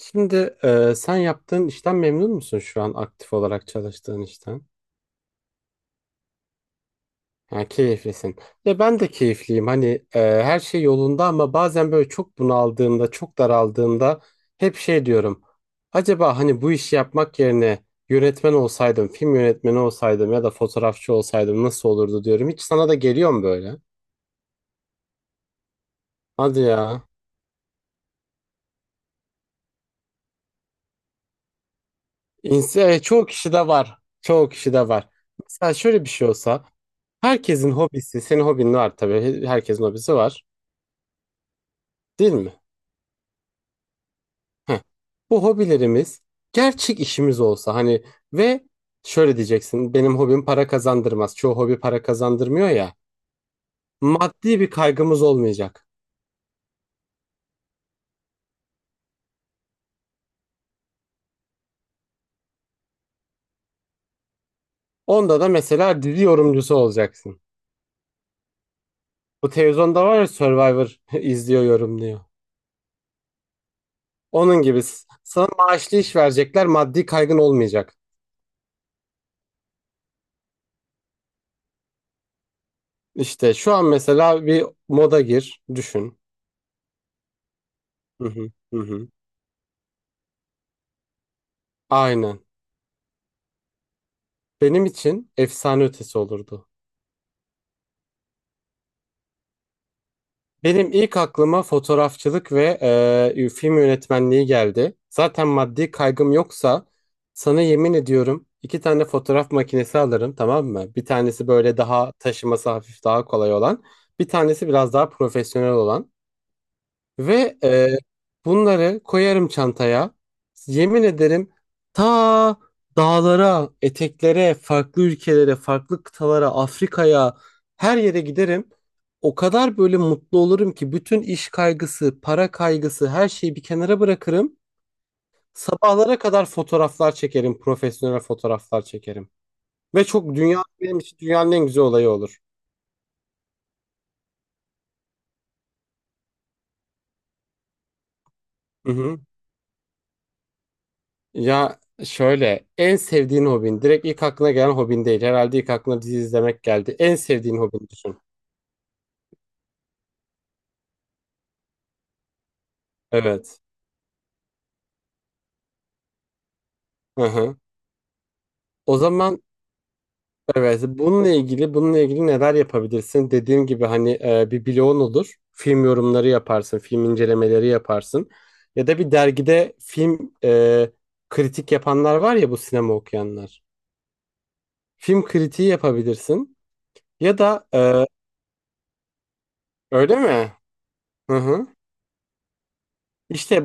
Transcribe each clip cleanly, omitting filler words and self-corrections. Şimdi sen yaptığın işten memnun musun şu an aktif olarak çalıştığın işten? Ha, keyiflisin. Ya ben de keyifliyim. Hani her şey yolunda ama bazen böyle çok bunaldığımda, çok daraldığımda hep şey diyorum. Acaba hani bu işi yapmak yerine yönetmen olsaydım, film yönetmeni olsaydım ya da fotoğrafçı olsaydım nasıl olurdu diyorum. Hiç sana da geliyor mu böyle? Hadi ya. Çoğu kişi de var. Çoğu kişi de var. Mesela şöyle bir şey olsa. Herkesin hobisi, senin hobin var tabii. Herkesin hobisi var, değil mi? Heh. Bu hobilerimiz gerçek işimiz olsa hani, ve şöyle diyeceksin, benim hobim para kazandırmaz. Çoğu hobi para kazandırmıyor ya. Maddi bir kaygımız olmayacak. Onda da mesela dizi yorumcusu olacaksın. Bu televizyonda var ya Survivor izliyor, yorumluyor. Onun gibi sana maaşlı iş verecekler, maddi kaygın olmayacak. İşte şu an mesela bir moda gir, düşün. Hı hı, hı hı. Aynen. Benim için efsane ötesi olurdu. Benim ilk aklıma fotoğrafçılık ve film yönetmenliği geldi. Zaten maddi kaygım yoksa sana yemin ediyorum iki tane fotoğraf makinesi alırım, tamam mı? Bir tanesi böyle daha taşıması hafif daha kolay olan. Bir tanesi biraz daha profesyonel olan. Ve bunları koyarım çantaya. Yemin ederim ta dağlara, eteklere, farklı ülkelere, farklı kıtalara, Afrika'ya her yere giderim. O kadar böyle mutlu olurum ki bütün iş kaygısı, para kaygısı, her şeyi bir kenara bırakırım. Sabahlara kadar fotoğraflar çekerim, profesyonel fotoğraflar çekerim. Ve çok, dünya benim için dünyanın en güzel olayı olur. Mhm. Ya şöyle, en sevdiğin hobin direkt ilk aklına gelen hobin değil. Herhalde ilk aklına dizi izlemek geldi. En sevdiğin hobin düşün. Evet. Hı hı. O zaman evet, bununla ilgili neler yapabilirsin? Dediğim gibi hani bir blogun olur. Film yorumları yaparsın, film incelemeleri yaparsın. Ya da bir dergide film kritik yapanlar var ya, bu sinema okuyanlar. Film kritiği yapabilirsin. Ya da öyle mi? Hı hı. İşte.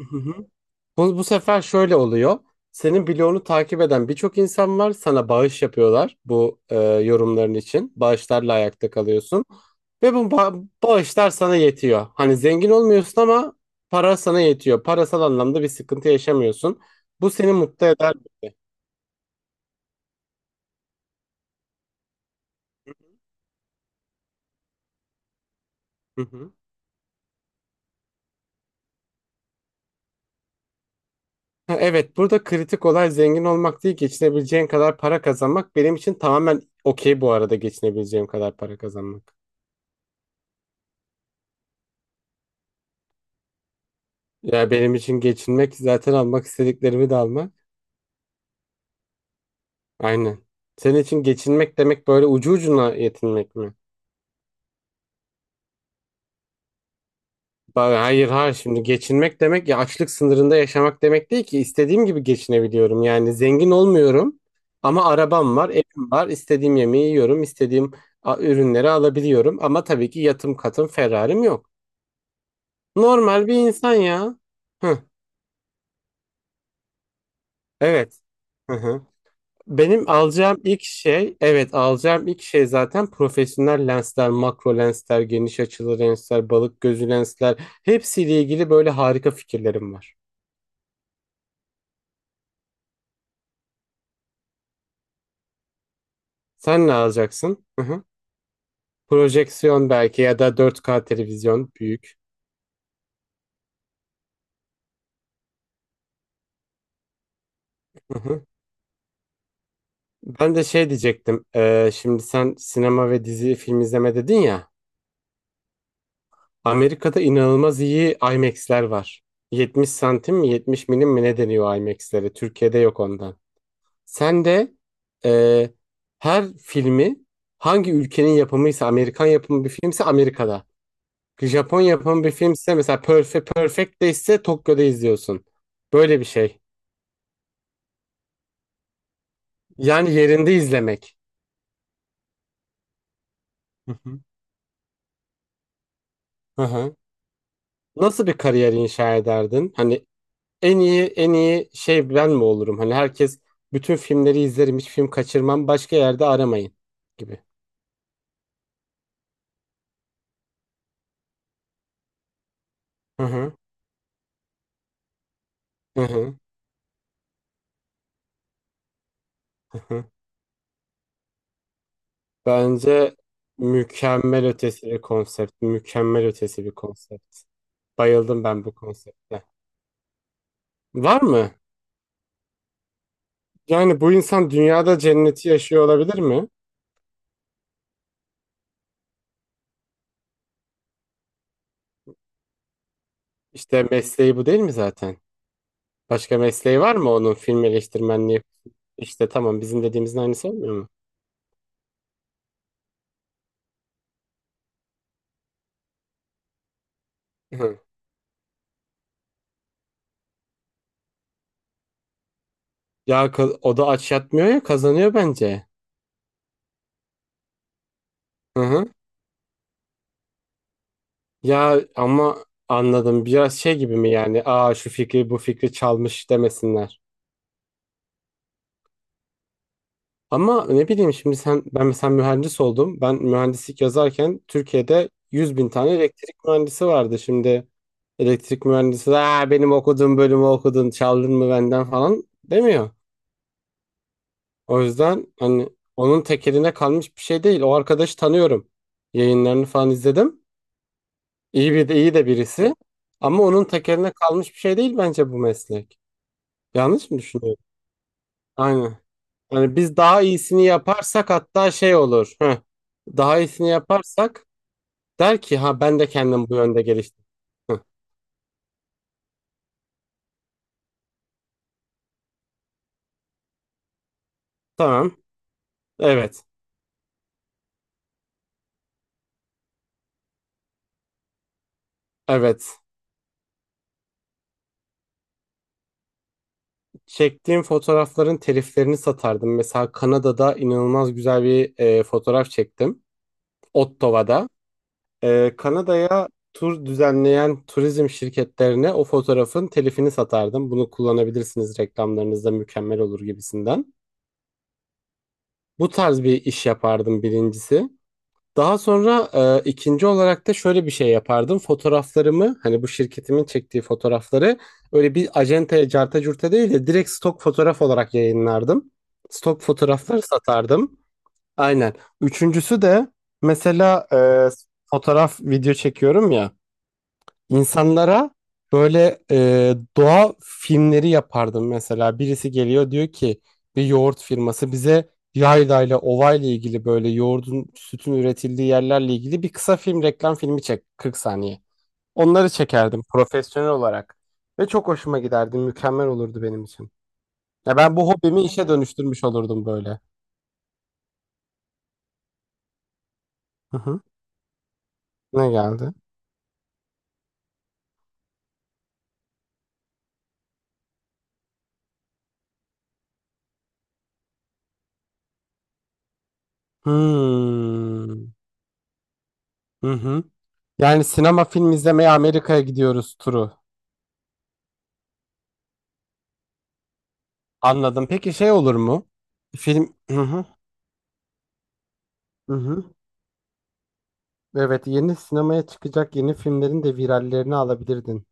Hı hı. Bu sefer şöyle oluyor. Senin bloğunu takip eden birçok insan var. Sana bağış yapıyorlar bu yorumların için. Bağışlarla ayakta kalıyorsun. Ve bu bağışlar sana yetiyor. Hani zengin olmuyorsun ama para sana yetiyor. Parasal anlamda bir sıkıntı yaşamıyorsun. Bu seni mutlu eder bence. Hı hı. Ha, evet, burada kritik olay zengin olmak değil, geçinebileceğin kadar para kazanmak. Benim için tamamen okey bu arada, geçinebileceğim kadar para kazanmak. Ya benim için geçinmek zaten almak istediklerimi de almak. Aynen. Senin için geçinmek demek böyle ucu ucuna yetinmek mi? Hayır, hayır, şimdi geçinmek demek ya açlık sınırında yaşamak demek değil ki, istediğim gibi geçinebiliyorum. Yani zengin olmuyorum ama arabam var, evim var, istediğim yemeği yiyorum, istediğim ürünleri alabiliyorum ama tabii ki yatım katım Ferrari'm yok. Normal bir insan ya. Hı, evet. Hı hı. Benim alacağım ilk şey, evet alacağım ilk şey, zaten profesyonel lensler, makro lensler, geniş açılı lensler, balık gözü lensler. Hepsiyle ilgili böyle harika fikirlerim var. Sen ne alacaksın? Hı hı. Projeksiyon belki, ya da 4K televizyon büyük. Hı hı. Ben de şey diyecektim. Şimdi sen sinema ve dizi film izleme dedin ya. Amerika'da inanılmaz iyi IMAX'ler var. 70 santim mi, 70 milim mi, ne deniyor IMAX'lere? Türkiye'de yok ondan. Sen de e, her filmi, hangi ülkenin yapımıysa, Amerikan yapımı bir filmse Amerika'da. Japon yapımı bir filmse mesela Perfect, Perfect de ise Tokyo'da izliyorsun. Böyle bir şey. Yani yerinde izlemek. Hı hı. Hı hı. Nasıl bir kariyer inşa ederdin? Hani en iyi şey ben mi olurum? Hani herkes bütün filmleri izlerim, hiç film kaçırmam, başka yerde aramayın gibi. Hı hı. Hı hı. Hı hı. Bence mükemmel ötesi bir konsept. Mükemmel ötesi bir konsept. Bayıldım ben bu konsepte. Var mı? Yani bu insan dünyada cenneti yaşıyor olabilir mi? İşte mesleği bu değil mi zaten? Başka mesleği var mı onun, film eleştirmenliği? İşte tamam, bizim dediğimizin aynısı olmuyor mu? Hı. Ya o da aç yatmıyor ya, kazanıyor bence. Hı hı. Ya ama anladım, biraz şey gibi mi yani? Aa, şu fikri bu fikri çalmış demesinler. Ama ne bileyim, şimdi sen, ben mesela mühendis oldum. Ben mühendislik yazarken Türkiye'de 100 bin tane elektrik mühendisi vardı. Şimdi elektrik mühendisi, aa, benim okuduğum bölümü okudun, çaldın mı benden falan demiyor. O yüzden hani, onun tekeline kalmış bir şey değil. O arkadaşı tanıyorum. Yayınlarını falan izledim. İyi bir de, iyi de birisi. Ama onun tekeline kalmış bir şey değil bence bu meslek. Yanlış mı düşünüyorum? Aynen. Yani biz daha iyisini yaparsak hatta şey olur. Heh. Daha iyisini yaparsak der ki, ha, ben de kendim bu yönde geliştim. Heh. Tamam. Evet. Evet. Çektiğim fotoğrafların teliflerini satardım. Mesela Kanada'da inanılmaz güzel bir fotoğraf çektim. Ottawa'da. Kanada'ya tur düzenleyen turizm şirketlerine o fotoğrafın telifini satardım. Bunu kullanabilirsiniz reklamlarınızda, mükemmel olur gibisinden. Bu tarz bir iş yapardım birincisi. Daha sonra ikinci olarak da şöyle bir şey yapardım. Fotoğraflarımı, hani bu şirketimin çektiği fotoğrafları, öyle bir acentaya carta curta değil de direkt stok fotoğraf olarak yayınlardım. Stok fotoğrafları satardım. Aynen. Üçüncüsü de mesela fotoğraf video çekiyorum ya. İnsanlara böyle doğa filmleri yapardım mesela. Birisi geliyor diyor ki, bir yoğurt firması, bize yaylayla, ovayla ilgili, böyle yoğurdun, sütün üretildiği yerlerle ilgili bir kısa film, reklam filmi çek 40 saniye. Onları çekerdim profesyonel olarak ve çok hoşuma giderdi. Mükemmel olurdu benim için. Ya ben bu hobimi işe dönüştürmüş olurdum böyle. Hı hı. Ne geldi? Hmm. Hı hı. Yani sinema, film izlemeye Amerika'ya gidiyoruz turu. Anladım. Peki şey olur mu? Film. Hı hı. Hı hı. Evet, yeni sinemaya çıkacak yeni filmlerin de virallerini alabilirdin.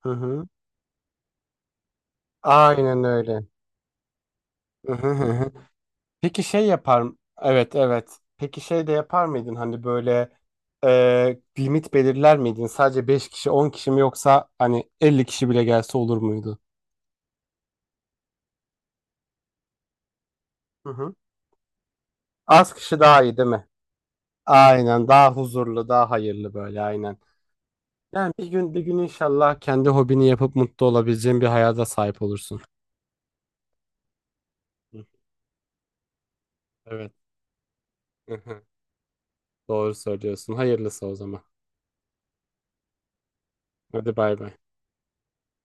Hı hı. Aynen öyle. Hı hı hı, hı. Peki evet, evet. Peki şey de yapar mıydın, hani böyle limit belirler miydin? Sadece 5 kişi, 10 kişi mi, yoksa hani 50 kişi bile gelse olur muydu? Hı hı. Az kişi daha iyi değil mi? Aynen, daha huzurlu, daha hayırlı böyle, aynen. Yani bir gün, bir gün inşallah kendi hobini yapıp mutlu olabileceğin bir hayata sahip olursun. Hı, evet. Hı hı. Doğru söylüyorsun. Hayırlısı o zaman. Hadi bay bay.